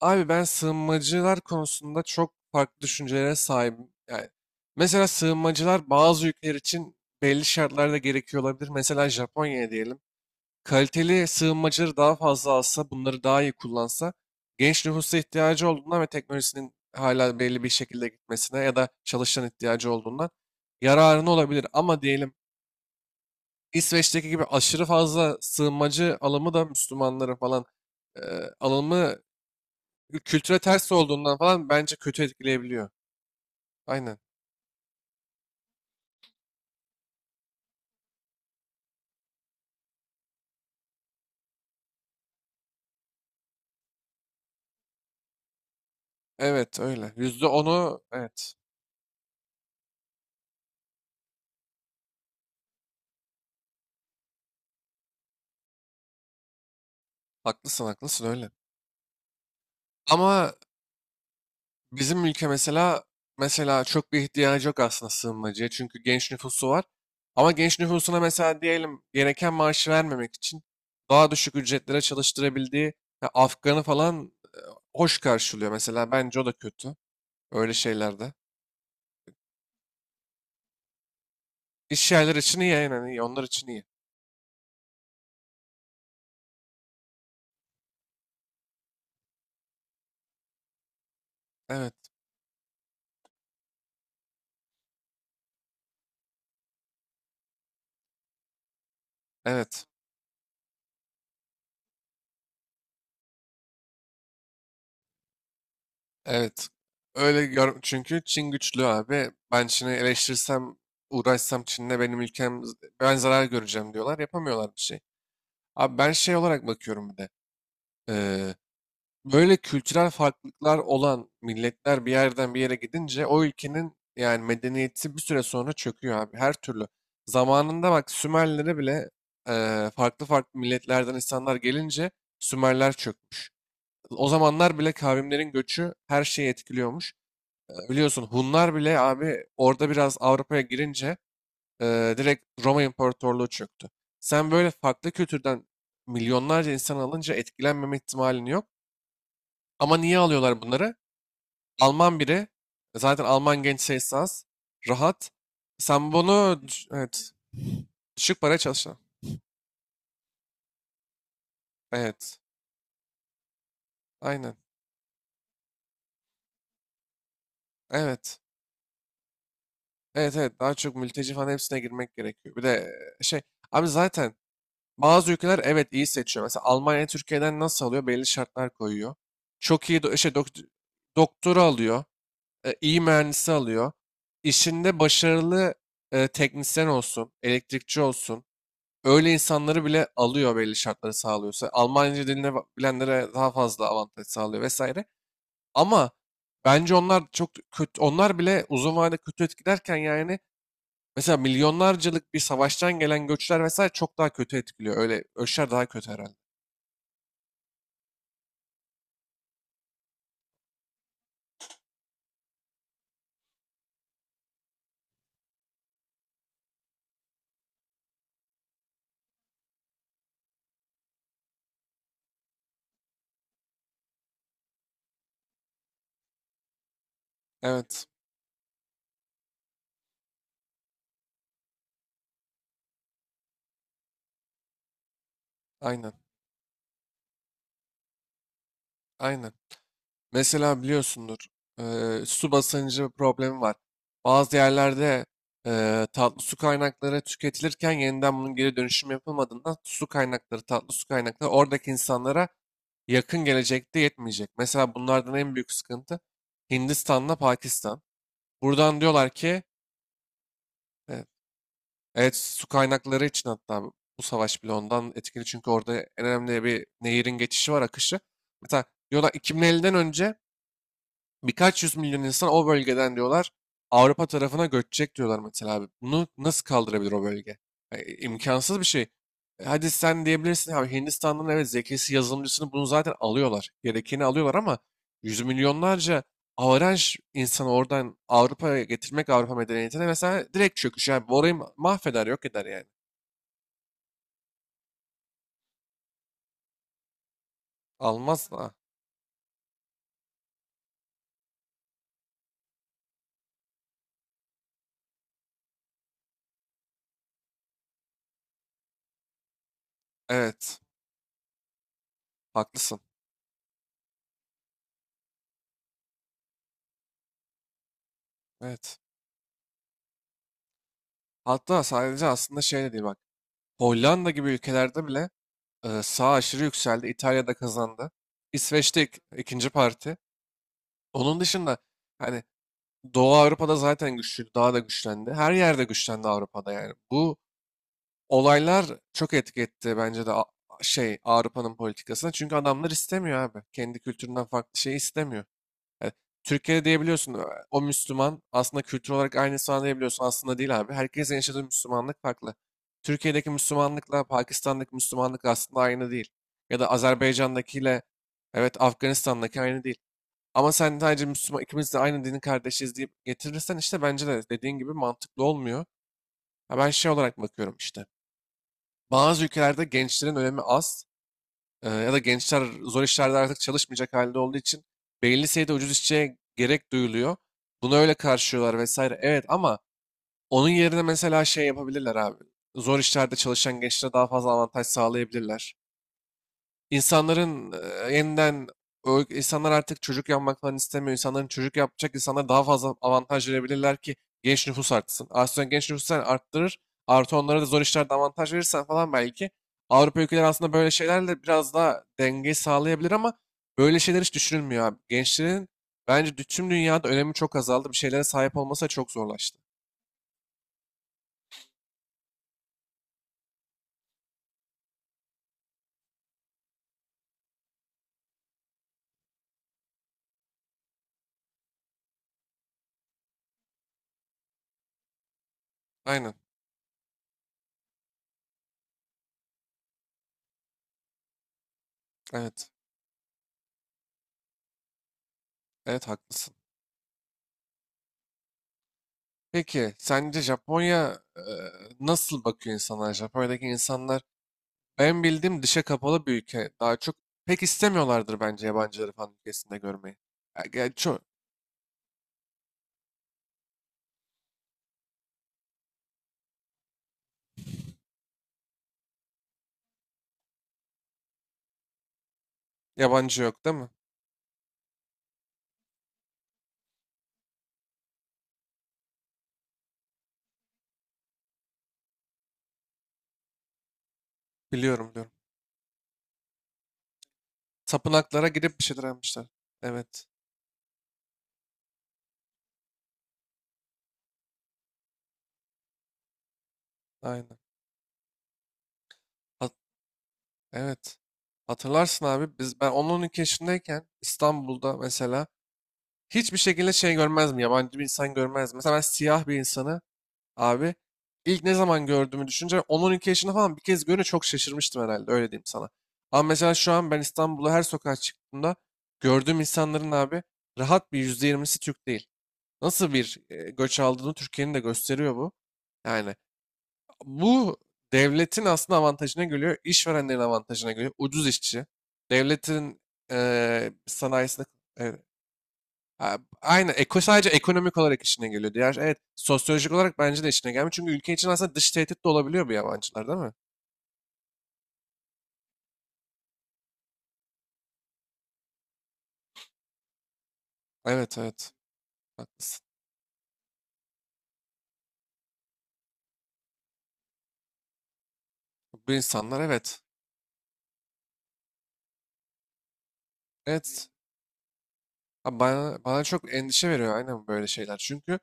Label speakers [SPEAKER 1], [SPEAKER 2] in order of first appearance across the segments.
[SPEAKER 1] Abi ben sığınmacılar konusunda çok farklı düşüncelere sahibim. Yani mesela sığınmacılar bazı ülkeler için belli şartlarda gerekiyor olabilir. Mesela Japonya'ya diyelim. Kaliteli sığınmacıları daha fazla alsa, bunları daha iyi kullansa, genç nüfusa ihtiyacı olduğundan ve teknolojisinin hala belli bir şekilde gitmesine ya da çalışan ihtiyacı olduğundan yararını olabilir. Ama diyelim İsveç'teki gibi aşırı fazla sığınmacı alımı da Müslümanlara falan e, alımı kültüre ters olduğundan falan bence kötü etkileyebiliyor. Aynen. Evet, öyle. %10'u, evet. Haklısın, haklısın, öyle. Ama bizim ülke mesela çok bir ihtiyacı yok aslında sığınmacıya. Çünkü genç nüfusu var. Ama genç nüfusuna mesela diyelim gereken maaşı vermemek için daha düşük ücretlere çalıştırabildiği ya Afgan'ı falan hoş karşılıyor. Mesela bence o da kötü. Öyle şeylerde. İş yerleri için iyi, yani iyi. Onlar için iyi. Evet. Evet. Evet. Öyle gör, çünkü Çin güçlü abi. Ben Çin'i eleştirsem, uğraşsam Çin'le benim ülkem, ben zarar göreceğim diyorlar. Yapamıyorlar bir şey. Abi ben şey olarak bakıyorum bir de. Ee, böyle kültürel farklılıklar olan milletler bir yerden bir yere gidince o ülkenin yani medeniyeti bir süre sonra çöküyor abi. Her türlü. Zamanında bak Sümerlere bile farklı farklı milletlerden insanlar gelince Sümerler çökmüş. O zamanlar bile kavimlerin göçü her şeyi etkiliyormuş. Biliyorsun Hunlar bile abi orada biraz Avrupa'ya girince direkt Roma İmparatorluğu çöktü. Sen böyle farklı kültürden milyonlarca insan alınca etkilenmeme ihtimalin yok. Ama niye alıyorlar bunları? Alman biri, zaten Alman genç sayısı az, rahat. Sen bunu evet, düşük paraya çalışan. Evet, aynen. Evet, evet, evet. Daha çok mülteci falan hepsine girmek gerekiyor. Bir de e, şey, abi zaten bazı ülkeler evet iyi seçiyor. Mesela Almanya Türkiye'den nasıl alıyor? Belli şartlar koyuyor. Çok iyi doktoru alıyor. E, iyi mühendisi alıyor. İşinde başarılı teknisyen olsun, elektrikçi olsun. Öyle insanları bile alıyor belli şartları sağlıyorsa. Almanca dilini bilenlere daha fazla avantaj sağlıyor vesaire. Ama bence onlar çok kötü, onlar bile uzun vadede kötü etkilerken yani mesela milyonlarcalık bir savaştan gelen göçler vesaire çok daha kötü etkiliyor. Öyle ölçüler daha kötü herhalde. Evet, aynen, aynen. Mesela biliyorsundur, su basıncı problemi var. Bazı yerlerde tatlı su kaynakları tüketilirken yeniden bunun geri dönüşüm yapılmadığından su kaynakları, tatlı su kaynakları oradaki insanlara yakın gelecekte yetmeyecek. Mesela bunlardan en büyük sıkıntı Hindistan'la Pakistan. Buradan diyorlar ki, e, evet, su kaynakları için, hatta bu savaş bile ondan etkili, çünkü orada en önemli bir nehirin geçişi var, akışı. Mesela diyorlar 2050'den önce birkaç yüz milyon insan o bölgeden diyorlar Avrupa tarafına göçecek diyorlar mesela abi. Bunu nasıl kaldırabilir o bölge? Yani imkansız bir şey. Hadi sen diyebilirsin abi, Hindistan'ın, evet, zekisi yazılımcısını bunu zaten alıyorlar. Gerekeni alıyorlar, ama yüz milyonlarca avaraj insanı oradan Avrupa'ya getirmek Avrupa medeniyetine mesela direkt çöküş. Yani bu orayı mahveder, yok eder yani. Almaz da. Evet, haklısın. Evet. Hatta sadece aslında şey de değil bak. Hollanda gibi ülkelerde bile Sağ aşırı yükseldi. İtalya'da kazandı. İsveç'te ikinci parti. Onun dışında hani Doğu Avrupa'da zaten güçlüydü. Daha da güçlendi. Her yerde güçlendi Avrupa'da yani. Bu olaylar çok etki etti bence de Avrupa'nın politikasına. Çünkü adamlar istemiyor abi. Kendi kültüründen farklı şey istemiyor. E, Türkiye'de diyebiliyorsun "O Müslüman aslında, kültür olarak aynısı falan diyebiliyorsun. Aslında değil abi. Herkesin yaşadığı Müslümanlık farklı. Türkiye'deki Müslümanlıkla Pakistan'daki Müslümanlık aslında aynı değil. Ya da Azerbaycan'dakiyle, evet, Afganistan'daki aynı değil. Ama sen sadece Müslüman, ikimiz de aynı dinin kardeşiz deyip getirirsen, işte bence de dediğin gibi mantıklı olmuyor. Ha, ben şey olarak bakıyorum işte. Bazı ülkelerde gençlerin önemi az. Ya da gençler zor işlerde artık çalışmayacak halde olduğu için belli sayıda ucuz işçiye gerek duyuluyor. Bunu öyle karşılıyorlar vesaire. Evet, ama onun yerine mesela şey yapabilirler abi. Zor işlerde çalışan gençlere daha fazla avantaj sağlayabilirler. İnsanların e, yeniden o- insanlar artık çocuk yapmak falan istemiyor. İnsanların, çocuk yapacak insanlara daha fazla avantaj verebilirler ki genç nüfus artsın. Aslında genç nüfusu sen arttırır. Artı onlara da zor işlerde avantaj verirsen falan belki Avrupa ülkeleri aslında böyle şeylerle biraz daha denge sağlayabilir, ama böyle şeyler hiç düşünülmüyor abi. Gençlerin bence tüm dünyada önemi çok azaldı. Bir şeylere sahip olması da çok zorlaştı. Aynen. Evet. Evet, haklısın. Peki sence Japonya, nasıl bakıyor insanlar? Japonya'daki insanlar, ben bildiğim, dışa kapalı bir ülke. Daha çok pek istemiyorlardır bence yabancıları falan ülkesinde görmeyi. Ya, yabancı yok, değil mi? Biliyorum, diyorum. Tapınaklara gidip bir şeyler yapmışlar. Evet. Aynen. Hat- evet. Hatırlarsın abi, biz ben 10-12 yaşındayken İstanbul'da mesela hiçbir şekilde şey görmezdim. Yabancı bir insan görmezdim. Mesela ben siyah bir insanı abi. İlk ne zaman gördüğümü düşünce 10-12 yaşında falan bir kez görünce çok şaşırmıştım herhalde, öyle diyeyim sana. Ama mesela şu an ben İstanbul'a her sokağa çıktığımda gördüğüm insanların abi, rahat bir %20'si Türk değil. Nasıl bir göç aldığını Türkiye'nin de gösteriyor bu. Yani bu, devletin aslında avantajına geliyor, işverenlerin avantajına geliyor. Ucuz işçi, devletin sanayisinde e, Ha, aynen. Sadece ekonomik olarak işine geliyor. Diğer, evet, sosyolojik olarak bence de işine gelmiyor. Çünkü ülke için aslında dış tehdit de olabiliyor bu yabancılar, değil mi? Evet, evet. Haklısın. Bu insanlar, evet. Evet. Ha, bana çok endişe veriyor aynen böyle şeyler. Çünkü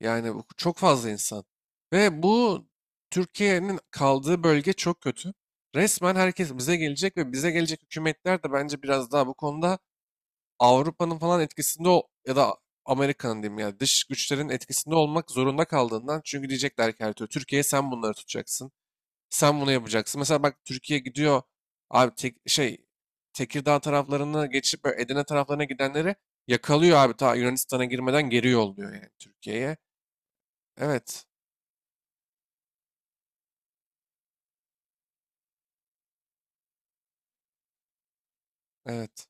[SPEAKER 1] yani bu çok fazla insan. Ve bu, Türkiye'nin kaldığı bölge çok kötü. Resmen herkes bize gelecek ve bize gelecek hükümetler de bence biraz daha bu konuda Avrupa'nın falan etkisinde ya da Amerika'nın, diyeyim, ya dış güçlerin etkisinde olmak zorunda kaldığından, çünkü diyecekler ki her türlü Türkiye, sen bunları tutacaksın. Sen bunu yapacaksın. Mesela bak, Türkiye gidiyor abi, Tekirdağ taraflarını geçip böyle Edirne taraflarına gidenleri yakalıyor abi, ta Yunanistan'a girmeden geri yolluyor yani Türkiye'ye. Evet. Evet.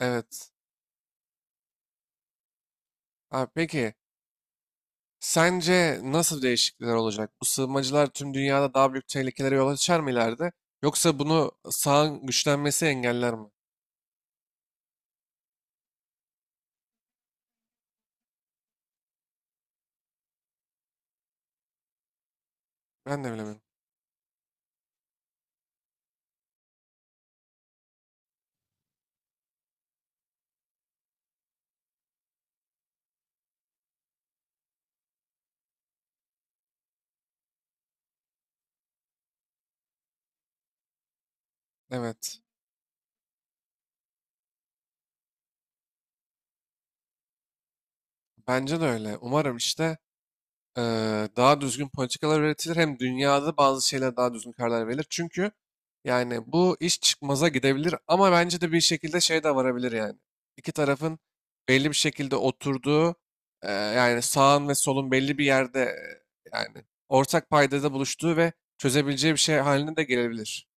[SPEAKER 1] Evet. Abi peki, sence nasıl değişiklikler olacak? Bu sığınmacılar tüm dünyada daha büyük tehlikelere yol açar mı ileride? Yoksa bunu sağın güçlenmesi engeller mi? Ben de bilemiyorum. Evet. Bence de öyle. Umarım işte. Daha düzgün politikalar üretilir. Hem dünyada bazı şeyler daha düzgün karar verilir. Çünkü yani bu iş çıkmaza gidebilir, ama bence de bir şekilde şey de varabilir yani. İki tarafın belli bir şekilde oturduğu, yani sağın ve solun belli bir yerde, yani ortak paydada buluştuğu ve çözebileceği bir şey haline de gelebilir.